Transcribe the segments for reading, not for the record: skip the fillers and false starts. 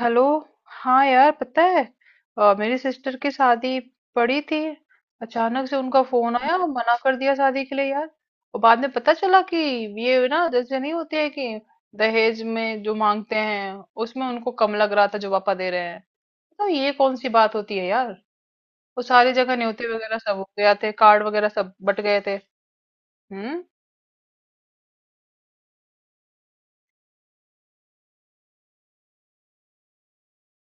Hello. हाँ यार, पता है। मेरी सिस्टर की शादी पड़ी थी। अचानक से उनका फोन आया और मना कर दिया शादी के लिए, यार। और बाद में पता चला कि ये ना जैसे नहीं होती है कि दहेज में जो मांगते हैं, उसमें उनको कम लग रहा था जो पापा दे रहे हैं। तो ये कौन सी बात होती है, यार। वो सारी जगह न्योते वगैरह सब हो गया थे, कार्ड वगैरह सब बट गए थे। हम्म।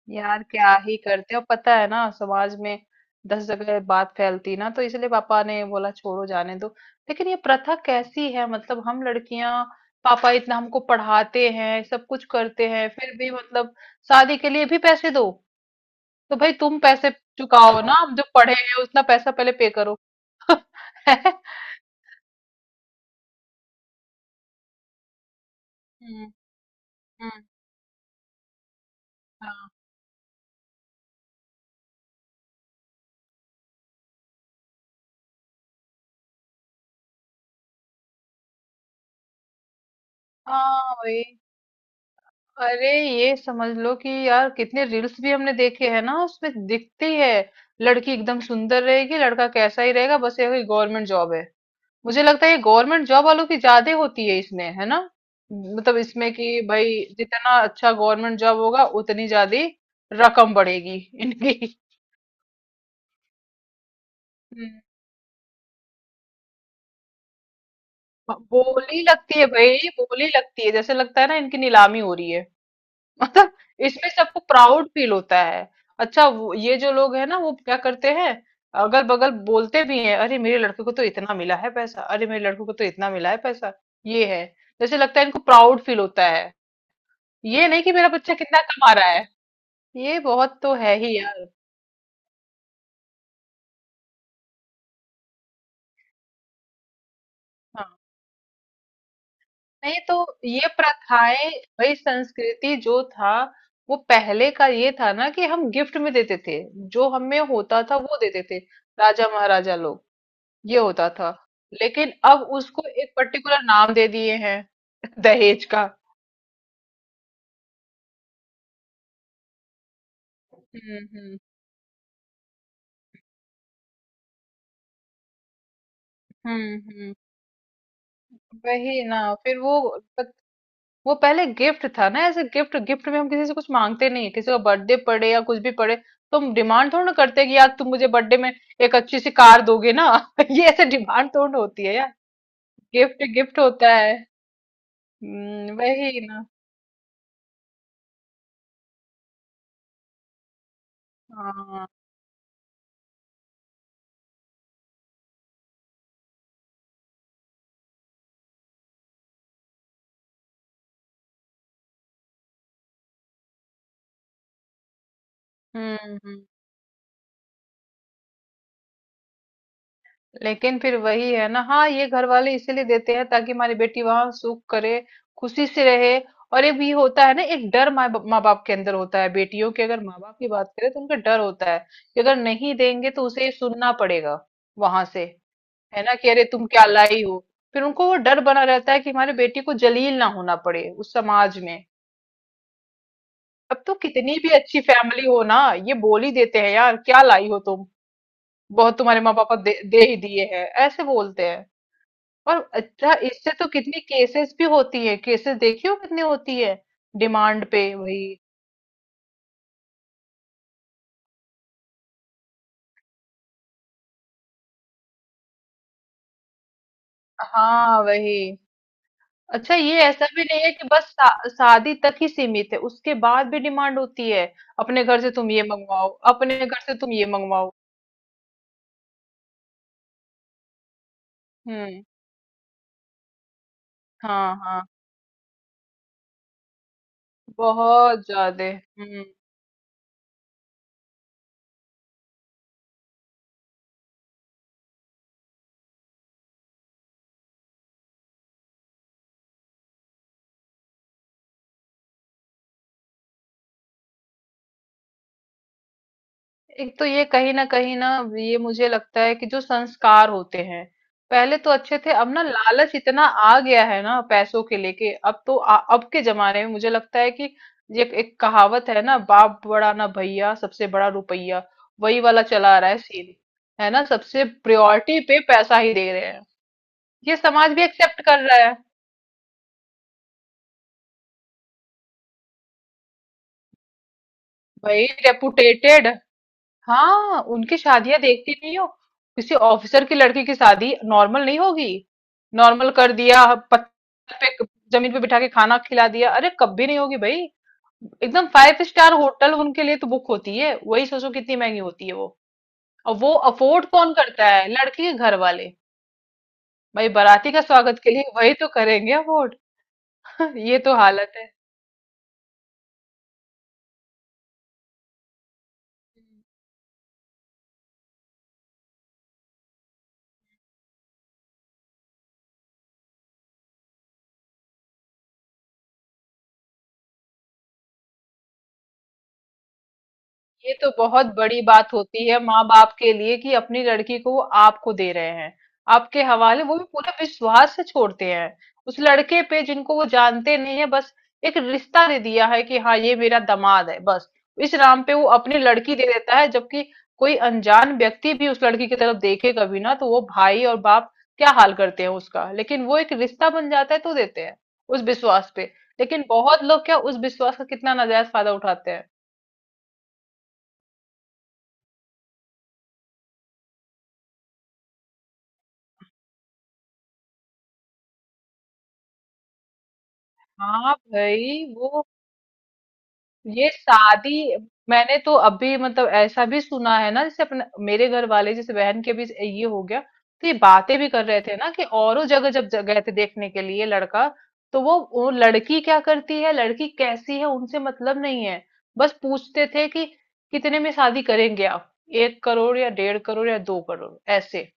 यार क्या ही करते हो, पता है ना, समाज में 10 जगह बात फैलती ना, तो इसलिए पापा ने बोला छोड़ो, जाने दो। लेकिन ये प्रथा कैसी है? मतलब हम लड़कियां, पापा इतना हमको पढ़ाते हैं, सब कुछ करते हैं, फिर भी मतलब शादी के लिए भी पैसे दो। तो भाई तुम पैसे चुकाओ ना, हम जो पढ़े हैं उतना पैसा पहले पे करो। है? हम्म। हम्म। हाँ, हाँ, वही। अरे, ये समझ लो कि यार, कितने रील्स भी हमने देखे हैं ना, उसमें दिखती है लड़की एकदम सुंदर रहेगी, लड़का कैसा ही रहेगा, बस ये गवर्नमेंट जॉब है। मुझे लगता है ये गवर्नमेंट जॉब वालों की ज्यादा होती है इसमें, है ना। मतलब इसमें कि भाई, जितना अच्छा गवर्नमेंट जॉब होगा उतनी ज्यादा रकम बढ़ेगी इनकी। हम्म। बोली लगती है भाई, बोली लगती है, जैसे लगता है ना इनकी नीलामी हो रही है। मतलब इसमें सबको प्राउड फील होता है। अच्छा, वो ये जो लोग है ना, वो क्या करते हैं, अगल बगल बोलते भी हैं, अरे मेरे लड़के को तो इतना मिला है पैसा, अरे मेरे लड़के को तो इतना मिला है पैसा। ये है, जैसे लगता है इनको प्राउड फील होता है। ये नहीं कि मेरा बच्चा कितना कमा रहा है। ये बहुत तो है ही, यार। हाँ। नहीं तो ये प्रथाएं, भाई संस्कृति जो था, वो पहले का ये था ना कि हम गिफ्ट में देते थे। जो हमें होता था वो देते थे, राजा महाराजा लोग ये होता था। लेकिन अब उसको एक पर्टिकुलर नाम दे दिए हैं, दहेज का। हम्म। हम्म। हम्म। वही ना। फिर वो पहले गिफ्ट था ना, ऐसे गिफ्ट गिफ्ट में हम किसी से कुछ मांगते नहीं है, किसी का बर्थडे पड़े या कुछ भी पड़े तो हम डिमांड थोड़ा ना करते हैं कि यार तुम मुझे बर्थडे में एक अच्छी सी कार दोगे ना। ये ऐसे डिमांड थोड़ा होती है, यार। गिफ्ट गिफ्ट होता है। वही ना। हाँ। हम्म। हम्म। लेकिन फिर वही है ना, हाँ ये घर वाले इसीलिए देते हैं ताकि हमारी बेटी वहां सुख करे, खुशी से रहे। और एक भी होता है ना, एक डर माँ माँ बाप के अंदर होता है, बेटियों के अगर माँ बाप की बात करें तो उनका डर होता है कि अगर नहीं देंगे तो उसे ये सुनना पड़ेगा वहां से। है ना, कि अरे तुम क्या लाई हो। फिर उनको वो डर बना रहता है कि हमारी बेटी को जलील ना होना पड़े उस समाज में। अब तो कितनी भी अच्छी फैमिली हो ना, ये बोल ही देते हैं, यार क्या लाई हो तुम, बहुत तुम्हारे माँ पापा दे ही दिए हैं, ऐसे बोलते हैं। और अच्छा, इससे तो कितनी केसेस भी होती है, केसेस देखी हो कितनी होती है, डिमांड पे वही। हाँ वही। अच्छा, ये ऐसा भी नहीं है कि बस शादी तक ही सीमित है, उसके बाद भी डिमांड होती है। अपने घर से तुम ये मंगवाओ, अपने घर से तुम ये मंगवाओ। हम्म। हाँ, हाँ, बहुत ज्यादा। हम्म। एक तो ये कहीं ना कहीं ना, ये मुझे लगता है कि जो संस्कार होते हैं पहले तो अच्छे थे, अब ना लालच इतना आ गया है ना, पैसों के लेके, अब तो अब के जमाने में मुझे लगता है कि ये एक कहावत है ना, बाप बड़ा ना भैया, सबसे बड़ा रुपया। वही वाला चला आ रहा है सीन, है ना, सबसे प्रायोरिटी पे पैसा ही दे रहे हैं। ये समाज भी एक्सेप्ट कर रहा है। भाई रेपुटेटेड, हाँ उनकी शादियां देखती नहीं हो, किसी ऑफिसर की लड़की की शादी नॉर्मल नहीं होगी। नॉर्मल कर दिया, पत्थर पे, जमीन पे बिठा के खाना खिला दिया? अरे कभी नहीं होगी, भाई। एकदम फाइव स्टार होटल उनके लिए तो बुक होती है, वही सोचो कितनी महंगी होती है वो। और वो अफोर्ड कौन करता है? लड़की के घर वाले, भाई बाराती का स्वागत के लिए वही तो करेंगे अफोर्ड। ये तो हालत है। ये तो बहुत बड़ी बात होती है माँ बाप के लिए कि अपनी लड़की को वो आपको दे रहे हैं आपके हवाले, वो भी पूरे विश्वास से छोड़ते हैं उस लड़के पे जिनको वो जानते नहीं है, बस एक रिश्ता दे दिया है कि हाँ ये मेरा दामाद है, बस इस नाम पे वो अपनी लड़की दे देता है, जबकि कोई अनजान व्यक्ति भी उस लड़की की तरफ देखे कभी ना, तो वो भाई और बाप क्या हाल करते हैं उसका, लेकिन वो एक रिश्ता बन जाता है तो देते हैं उस विश्वास पे। लेकिन बहुत लोग क्या उस विश्वास का कितना नाजायज फायदा उठाते हैं। हाँ भाई वो, ये शादी, मैंने तो अभी मतलब ऐसा भी सुना है ना जैसे अपने मेरे घर वाले, जैसे बहन के भी ये हो गया, तो ये बातें भी कर रहे थे ना कि औरों जगह जब गए थे देखने के लिए लड़का, तो वो लड़की क्या करती है, लड़की कैसी है, उनसे मतलब नहीं है, बस पूछते थे कि कितने में शादी करेंगे आप? 1 करोड़ या 1.5 करोड़ या 2 करोड़ ऐसे।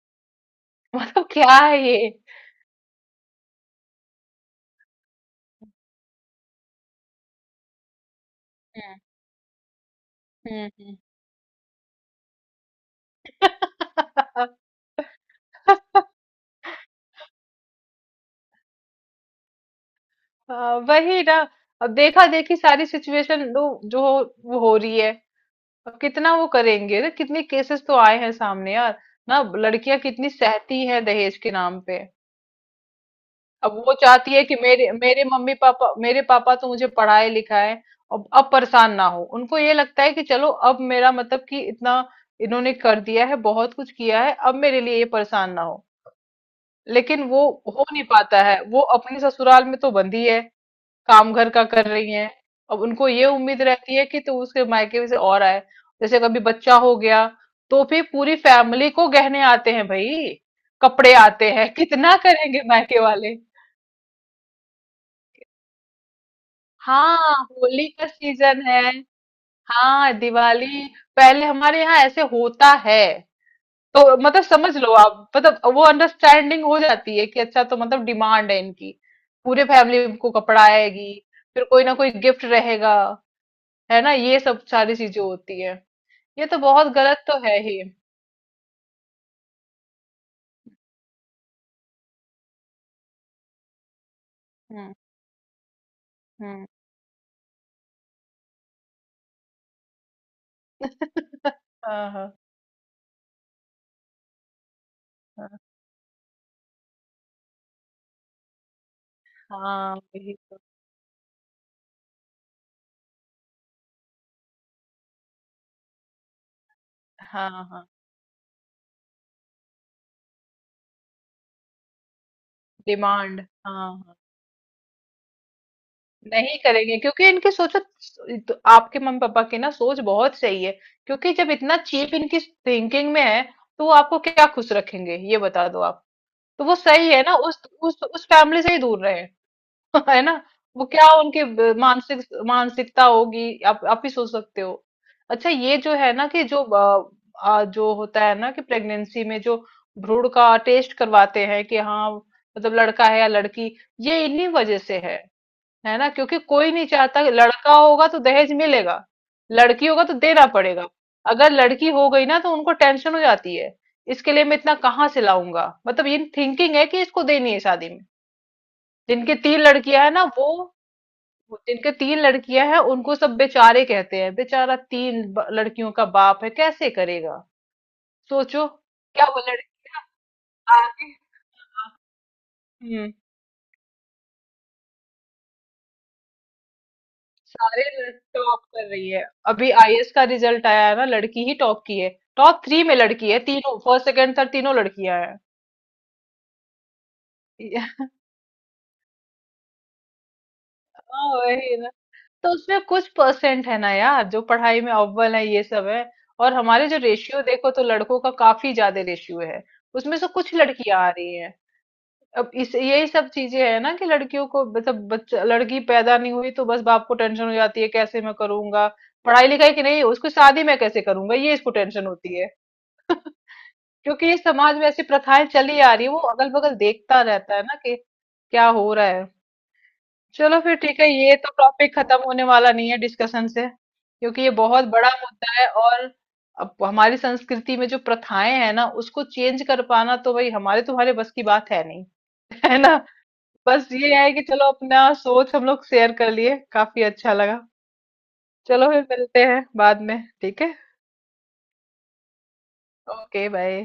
मतलब क्या है ये। हम्म। हम्म। हम्म। हाँ, वही ना। अब देखा देखी सारी सिचुएशन जो जो वो हो रही है। अब कितना वो करेंगे ना, कितने केसेस तो आए हैं सामने, यार। ना लड़कियां कितनी सहती हैं दहेज के नाम पे। अब वो चाहती है कि मेरे मेरे मम्मी पापा, मेरे पापा तो मुझे पढ़ाए लिखाए, अब परेशान ना हो, उनको ये लगता है कि चलो अब मेरा मतलब कि इतना इन्होंने कर दिया है, बहुत कुछ किया है, अब मेरे लिए ये परेशान ना हो। लेकिन वो हो नहीं पाता है, वो अपने ससुराल में तो बंधी है, काम घर का कर रही हैं। अब उनको ये उम्मीद रहती है कि तो उसके मायके से और आए। जैसे कभी बच्चा हो गया तो भी पूरी फैमिली को गहने आते हैं, भाई। कपड़े आते हैं, कितना करेंगे मायके वाले। हाँ, होली का सीजन है। हाँ, दिवाली, पहले हमारे यहाँ ऐसे होता है। तो मतलब समझ लो आप, मतलब वो अंडरस्टैंडिंग हो जाती है कि अच्छा तो मतलब डिमांड है इनकी, पूरे फैमिली को कपड़ा आएगी, फिर कोई ना कोई गिफ्ट रहेगा, है ना, ये सब सारी चीजें होती है। ये तो बहुत गलत तो है ही। हम्म। हम्म। हाँ, हाँ। हाँ, हाँ, वही तो। हाँ, हाँ। डिमांड, हाँ, हाँ, नहीं करेंगे क्योंकि इनकी सोचो। तो आपके मम्मी पापा की ना सोच बहुत सही है, क्योंकि जब इतना चीप इनकी थिंकिंग में है, तो वो आपको क्या खुश रखेंगे, ये बता दो आप। तो वो सही है ना, उस फैमिली से ही दूर रहे। है ना, वो क्या उनकी मानसिकता होगी, आप ही सोच सकते हो। अच्छा ये जो है ना कि जो होता है ना कि प्रेगनेंसी में जो भ्रूण का टेस्ट करवाते हैं कि हाँ मतलब लड़का है या लड़की, ये इन्हीं वजह से है ना, क्योंकि कोई नहीं चाहता कि लड़का होगा तो दहेज मिलेगा, लड़की होगा तो देना पड़ेगा। अगर लड़की हो गई ना तो उनको टेंशन हो जाती है, इसके लिए मैं इतना कहाँ से लाऊंगा, मतलब ये थिंकिंग है कि इसको देनी है शादी में। जिनके तीन लड़कियां है ना इनके तीन लड़कियां हैं उनको सब बेचारे कहते हैं, बेचारा तीन लड़कियों का बाप है, कैसे करेगा, सोचो। क्या वो लड़कियां आगे। हम्म। सारे टॉप कर रही है। अभी आईएएस का रिजल्ट आया है ना, लड़की ही टॉप की है, टॉप थ्री में लड़की है, तीनों फर्स्ट सेकंड थर्ड तीनों लड़कियां हैं। हाँ वही ना। तो उसमें कुछ परसेंट है ना यार जो पढ़ाई में अव्वल है, ये सब है। और हमारे जो रेशियो देखो, तो लड़कों का काफी ज्यादा रेशियो है, उसमें से कुछ लड़कियां आ रही हैं। अब इस यही सब चीजें हैं ना कि लड़कियों को, मतलब बच्चा लड़की पैदा नहीं हुई तो बस बाप को टेंशन हो जाती है, कैसे मैं करूंगा पढ़ाई लिखाई की, नहीं उसकी शादी मैं कैसे करूंगा, ये इसको टेंशन होती है। क्योंकि ये समाज में ऐसी प्रथाएं चली आ रही है, वो अगल बगल देखता रहता है ना कि क्या हो रहा है। चलो फिर ठीक है, ये तो टॉपिक खत्म होने वाला नहीं है डिस्कशन से, क्योंकि ये बहुत बड़ा मुद्दा है और अब हमारी संस्कृति में जो प्रथाएं हैं ना उसको चेंज कर पाना तो भाई हमारे तुम्हारे बस की बात है नहीं। है ना। बस ये है कि चलो अपना सोच हम लोग शेयर कर लिए, काफी अच्छा लगा। चलो फिर मिलते हैं बाद में, ठीक है। Okay, bye.